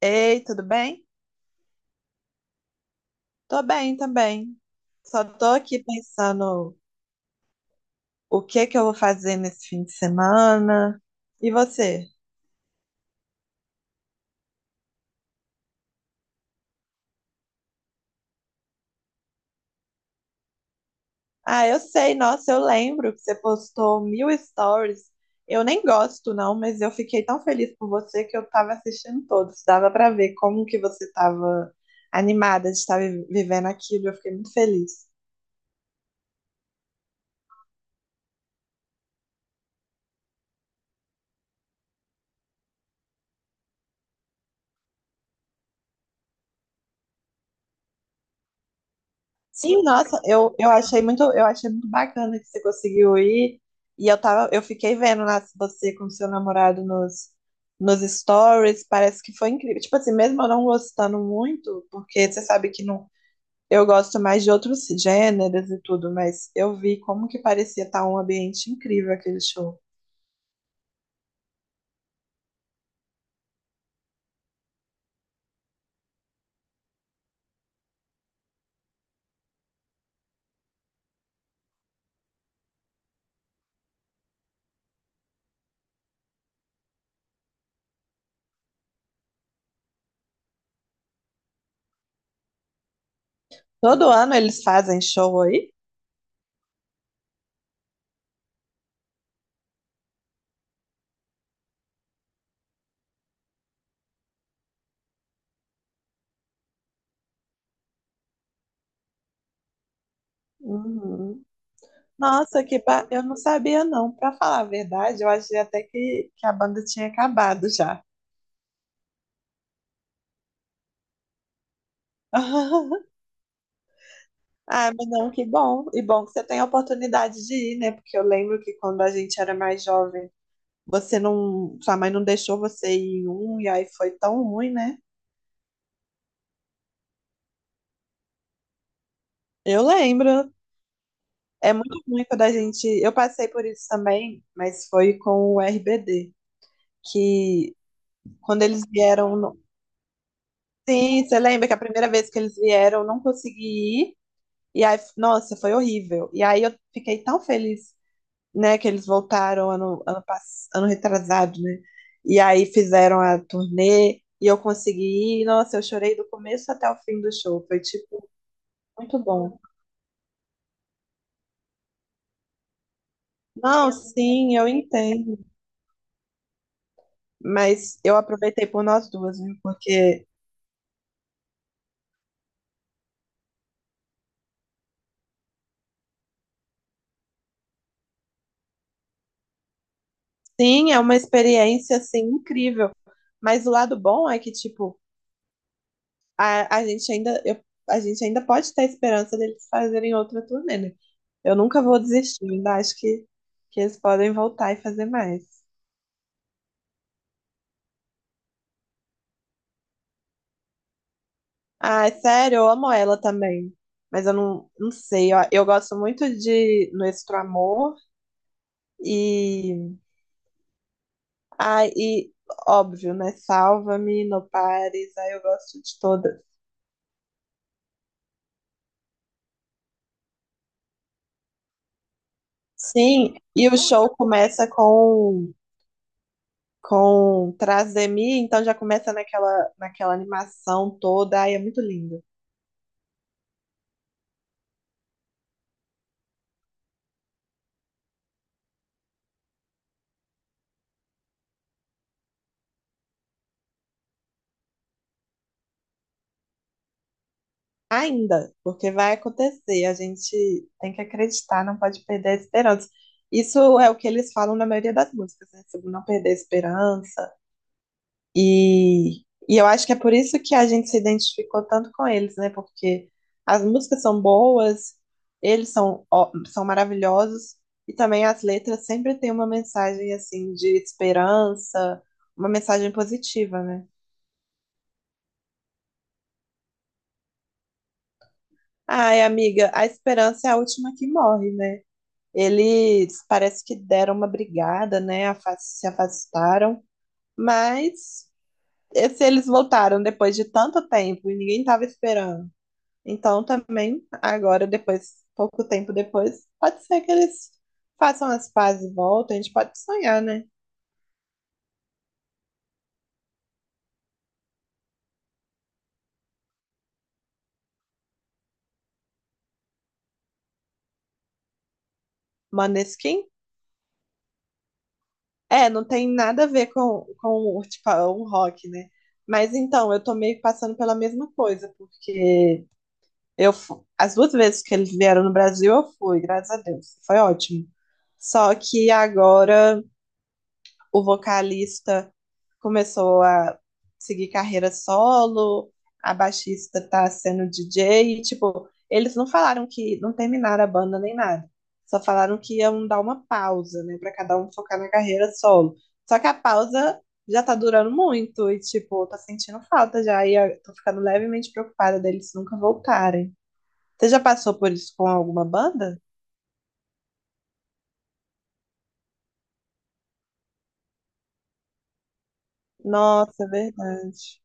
Ei, tudo bem? Tô bem também. Só tô aqui pensando o que que eu vou fazer nesse fim de semana. E você? Ah, eu sei, nossa, eu lembro que você postou mil stories. Eu nem gosto, não, mas eu fiquei tão feliz por você que eu tava assistindo todos. Dava pra ver como que você tava animada de estar vivendo aquilo. Eu fiquei muito feliz. Sim, nossa, eu achei muito, eu achei muito bacana que você conseguiu ir. E eu tava, eu fiquei vendo lá você com seu namorado nos stories, parece que foi incrível. Tipo assim, mesmo eu não gostando muito, porque você sabe que não, eu gosto mais de outros gêneros e tudo, mas eu vi como que parecia estar um ambiente incrível aquele show. Todo ano eles fazem show aí? Uhum. Nossa, eu não sabia não. Pra falar a verdade, eu achei até que a banda tinha acabado já. Ah, mas não, que bom. E bom que você tem a oportunidade de ir, né? Porque eu lembro que quando a gente era mais jovem, você não, sua mãe não deixou você ir em um e aí foi tão ruim, né? Eu lembro. É muito ruim quando a gente, eu passei por isso também, mas foi com o RBD, que quando eles vieram, sim, você lembra que a primeira vez que eles vieram, eu não consegui ir. E aí, nossa, foi horrível. E aí eu fiquei tão feliz né? Que eles voltaram ano, ano, ano retrasado, né? E aí fizeram a turnê e eu consegui ir. Nossa, eu chorei do começo até o fim do show. Foi, tipo, muito bom. Não, sim, eu entendo. Mas eu aproveitei por nós duas, viu? Porque, sim, é uma experiência, assim, incrível. Mas o lado bom é que, tipo, a, a gente ainda, eu- a gente ainda pode ter a esperança deles fazerem outra turnê, né? Eu nunca vou desistir, ainda acho que eles podem voltar e fazer mais. Ai, sério, eu amo ela também. Mas eu não, não sei, ó, eu gosto muito de Nuestro Amor e. Ai, e óbvio, né? Salva-me, No Pares, aí eu gosto de todas. Sim, e o show começa com. Com Trás de Mim, então já começa naquela, naquela animação toda, ai, é muito lindo. Ainda, porque vai acontecer, a gente tem que acreditar, não pode perder a esperança. Isso é o que eles falam na maioria das músicas, né? Sobre não perder a esperança. E, e eu acho que é por isso que a gente se identificou tanto com eles, né? Porque as músicas são boas, eles são, são maravilhosos, e também as letras sempre têm uma mensagem, assim, de esperança, uma mensagem positiva, né? Ai, amiga, a esperança é a última que morre, né? Eles parece que deram uma brigada, né? Se afastaram, mas se eles voltaram depois de tanto tempo e ninguém estava esperando. Então também agora depois, pouco tempo depois, pode ser que eles façam as pazes e voltem. A gente pode sonhar, né? Maneskin? É, não tem nada a ver com o, tipo, o rock, né? Mas então, eu tô meio que passando pela mesma coisa, porque as duas vezes que eles vieram no Brasil, eu fui, graças a Deus. Foi ótimo. Só que agora o vocalista começou a seguir carreira solo, a baixista tá sendo DJ, e, tipo, eles não falaram que não terminaram a banda nem nada. Só falaram que iam dar uma pausa, né, para cada um focar na carreira solo. Só que a pausa já tá durando muito e tipo, eu tô sentindo falta já e eu tô ficando levemente preocupada deles nunca voltarem. Você já passou por isso com alguma banda? Nossa, é verdade.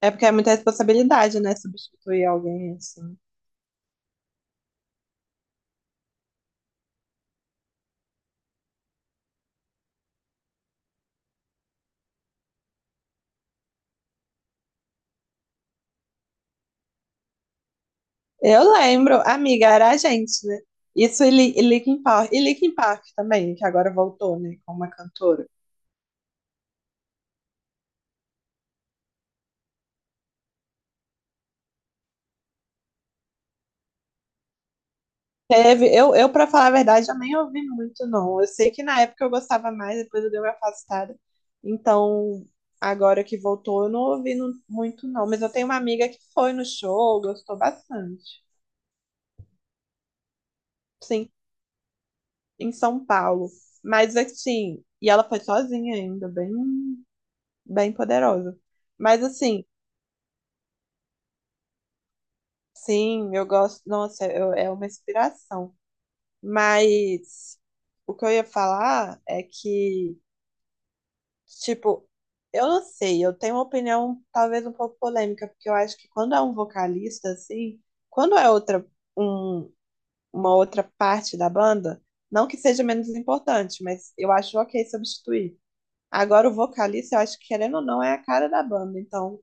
É porque é muita responsabilidade, né? Substituir alguém assim. Eu lembro, amiga, era a gente, né? Isso e Linkin Park. E Linkin Park também, que agora voltou, né? Com uma cantora. Teve, pra falar a verdade, eu nem ouvi muito, não. Eu sei que na época eu gostava mais, depois eu dei uma afastada. Então, agora que voltou, eu não ouvi muito, não. Mas eu tenho uma amiga que foi no show, gostou bastante. Sim, em São Paulo. Mas assim, e ela foi sozinha ainda, bem, bem poderosa. Mas assim, sim, eu gosto, nossa, é uma inspiração. Mas o que eu ia falar é que, tipo, eu não sei, eu tenho uma opinião talvez um pouco polêmica, porque eu acho que quando é um vocalista, assim, quando é outra, um, uma outra parte da banda, não que seja menos importante, mas eu acho ok substituir. Agora, o vocalista, eu acho que, querendo ou não, é a cara da banda. Então,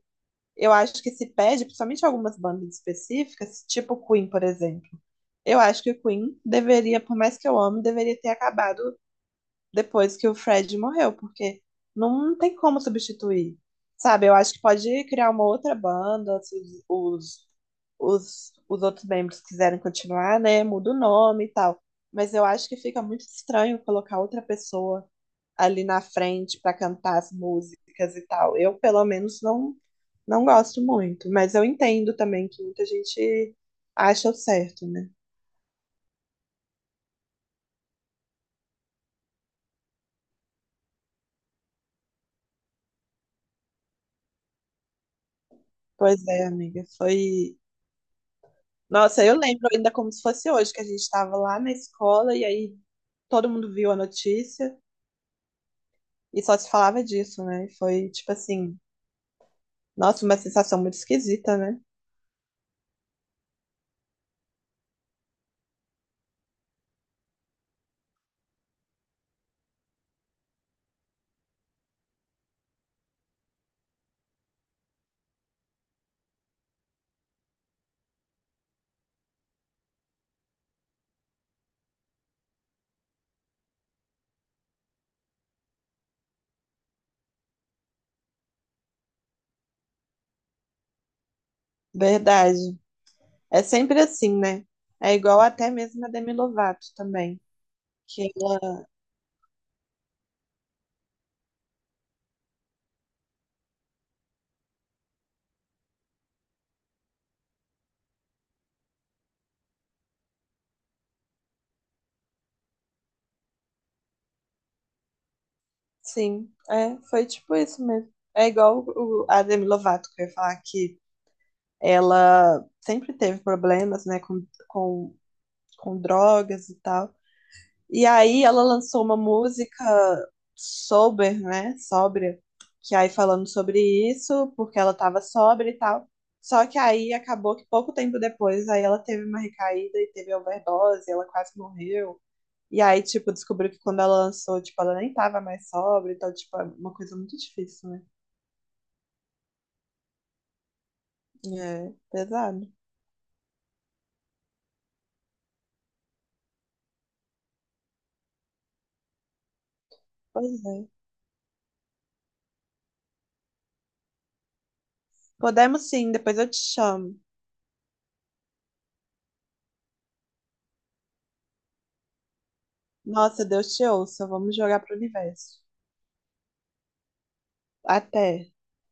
eu acho que se pede, principalmente algumas bandas específicas, tipo Queen, por exemplo. Eu acho que o Queen deveria, por mais que eu ame, deveria ter acabado depois que o Fred morreu, porque não tem como substituir. Sabe, eu acho que pode criar uma outra banda, se os, os outros membros quiserem continuar, né? Muda o nome e tal. Mas eu acho que fica muito estranho colocar outra pessoa ali na frente para cantar as músicas e tal. Eu, pelo menos, não, não gosto muito, mas eu entendo também que muita gente acha o certo, né? Pois é, amiga, foi. Nossa, eu lembro ainda como se fosse hoje, que a gente estava lá na escola e aí todo mundo viu a notícia e só se falava disso, né? Foi tipo assim, nossa, uma sensação muito esquisita, né? Verdade. É sempre assim, né? É igual até mesmo a Demi Lovato também, que sim, é, foi tipo isso mesmo. É igual o, a Demi Lovato, que eu ia falar que ela sempre teve problemas, né, com drogas e tal. E aí ela lançou uma música sober, né, sóbria, que aí falando sobre isso, porque ela tava sóbria e tal. Só que aí acabou que pouco tempo depois, aí ela teve uma recaída e teve overdose, ela quase morreu. E aí, tipo, descobriu que quando ela lançou, tipo, ela nem tava mais sóbria, então, tipo, é uma coisa muito difícil, né? É, pesado. Pois é. Podemos sim, depois eu te chamo. Nossa, Deus te ouça, vamos jogar pro universo. Até.